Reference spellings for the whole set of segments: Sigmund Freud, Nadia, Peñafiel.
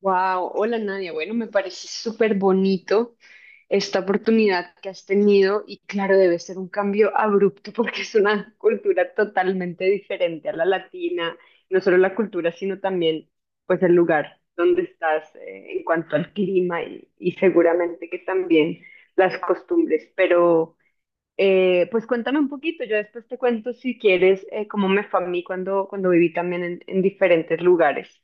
Wow, hola Nadia. Bueno, me parece súper bonito esta oportunidad que has tenido y claro, debe ser un cambio abrupto porque es una cultura totalmente diferente a la latina, no solo la cultura, sino también pues el lugar donde estás, en cuanto al clima y seguramente que también las costumbres. Pero pues cuéntame un poquito, yo después te cuento si quieres, cómo me fue a mí cuando viví también en diferentes lugares.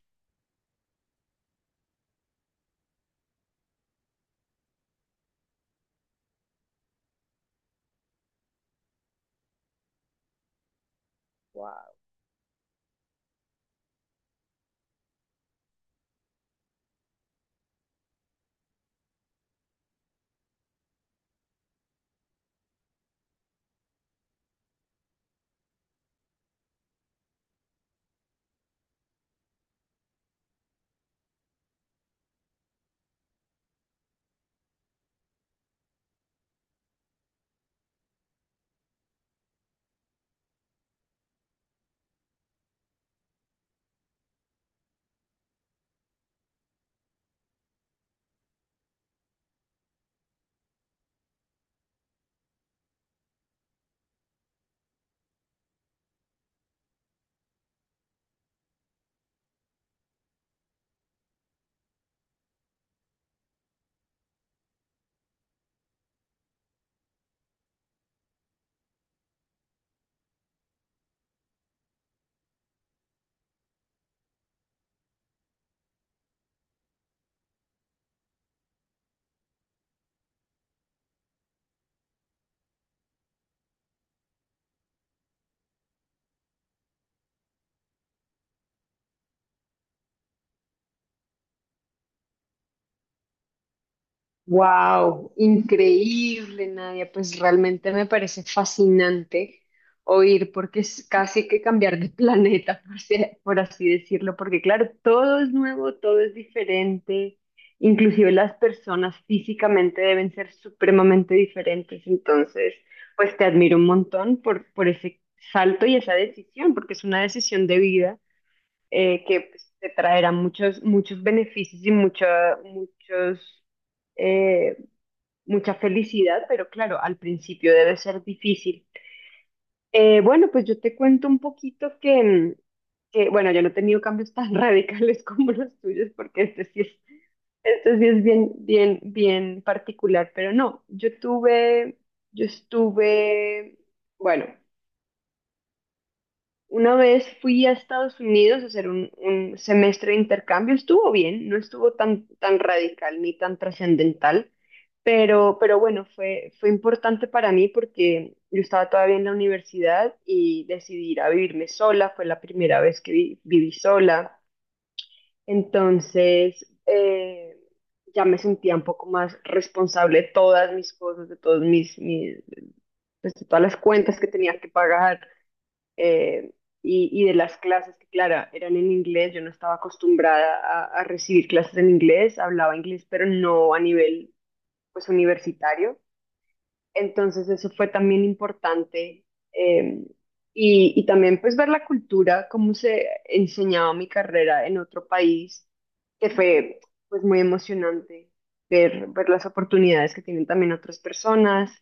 Wow, increíble, Nadia. Pues realmente me parece fascinante oír, porque es casi que cambiar de planeta, por así decirlo, porque claro, todo es nuevo, todo es diferente, inclusive las personas físicamente deben ser supremamente diferentes. Entonces, pues te admiro un montón por ese salto y esa decisión, porque es una decisión de vida, que pues, te traerá muchos, muchos beneficios y eh, mucha felicidad, pero claro, al principio debe ser difícil. Bueno, pues yo te cuento un poquito que, bueno, yo no he tenido cambios tan radicales como los tuyos, porque este sí es bien, bien, bien particular, pero no, yo tuve, yo estuve, bueno, Una vez fui a Estados Unidos a hacer un semestre de intercambio. Estuvo bien, no estuvo tan radical ni tan trascendental, pero bueno, fue importante para mí porque yo estaba todavía en la universidad y decidí ir a vivirme sola. Fue la primera vez que viví sola. Entonces, ya me sentía un poco más responsable de todas mis cosas, de todos mis, de todas las cuentas que tenía que pagar, eh, y de las clases que, claro, eran en inglés. Yo no estaba acostumbrada a recibir clases en inglés, hablaba inglés, pero no a nivel, pues, universitario. Entonces eso fue también importante. eh, y, y también pues ver la cultura, cómo se enseñaba mi carrera en otro país, que fue pues muy emocionante ver, ver las oportunidades que tienen también otras personas,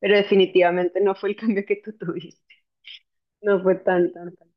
pero definitivamente no fue el cambio que tú tuviste, no fue tan.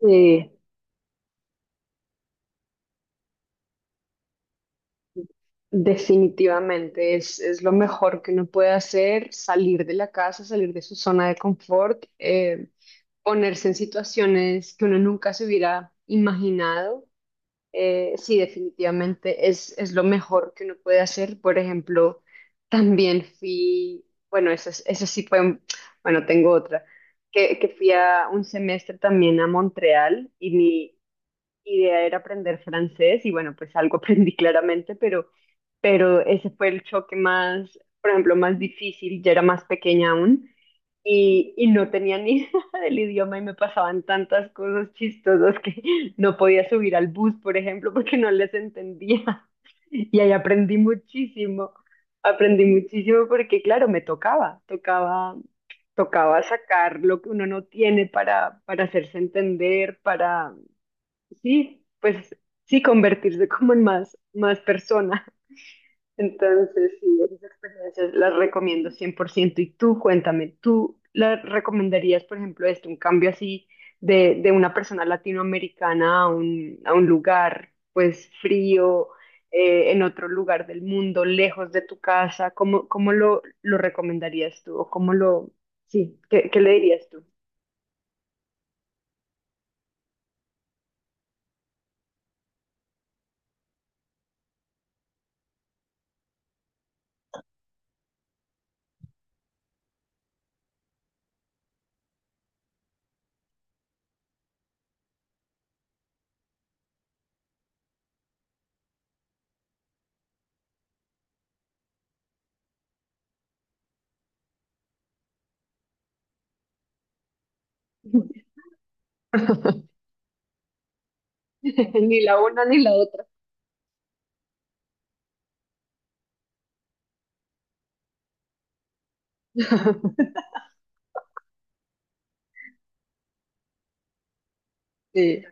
Sí, definitivamente es lo mejor que uno puede hacer, salir de la casa, salir de su zona de confort. Ponerse en situaciones que uno nunca se hubiera imaginado. Sí, definitivamente es lo mejor que uno puede hacer. Por ejemplo, también fui, bueno, eso, es- eso sí fue, un- bueno, tengo otra, que fui a un semestre también a Montreal, y mi idea era aprender francés y bueno, pues algo aprendí claramente, pero ese fue el choque más, por ejemplo, más difícil. Yo era más pequeña aún y no tenía ni idea del idioma, y me pasaban tantas cosas chistosas que no podía subir al bus, por ejemplo, porque no les entendía. Y ahí aprendí muchísimo. Aprendí muchísimo porque, claro, me tocaba, tocaba sacar lo que uno no tiene para hacerse entender, para, sí, pues sí, convertirse como en más, más persona. Entonces, sí, esas experiencias las recomiendo cien por ciento. Y tú, cuéntame, ¿tú la recomendarías, por ejemplo, esto, un cambio así de una persona latinoamericana a un lugar, pues, frío, en otro lugar del mundo, lejos de tu casa? ¿Cómo, cómo lo recomendarías tú? ¿O cómo lo, sí, qué, qué le dirías tú? Ni la una ni la otra. Sí.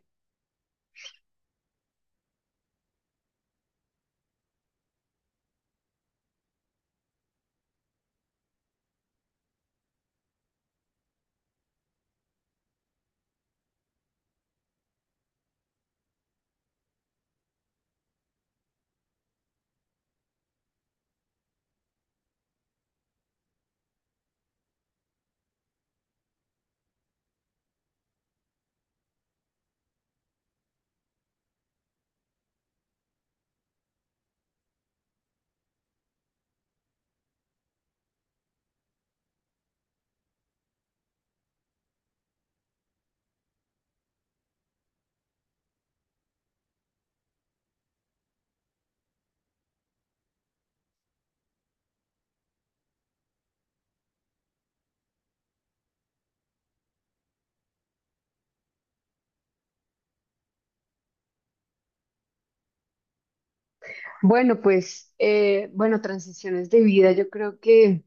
Bueno, pues, bueno, transiciones de vida, yo creo que...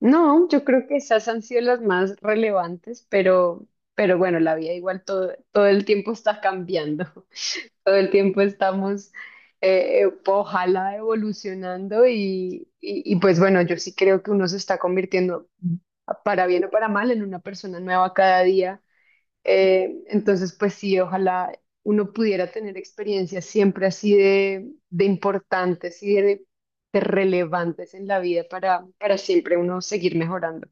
No, yo creo que esas han sido las más relevantes, pero bueno, la vida igual todo, todo el tiempo está cambiando, todo el tiempo estamos, ojalá evolucionando y pues bueno, yo sí creo que uno se está convirtiendo, para bien o para mal, en una persona nueva cada día. Entonces, pues sí, ojalá uno pudiera tener experiencias siempre así de importantes y de relevantes en la vida para siempre uno seguir mejorando.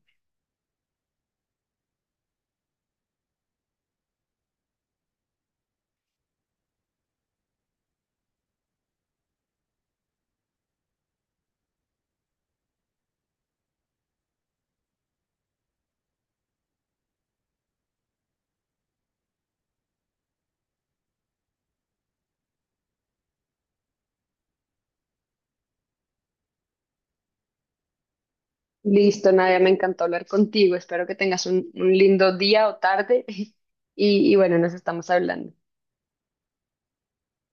Listo, Nadia, me encantó hablar contigo. Espero que tengas un lindo día o tarde y bueno, nos estamos hablando.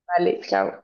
Vale, chao.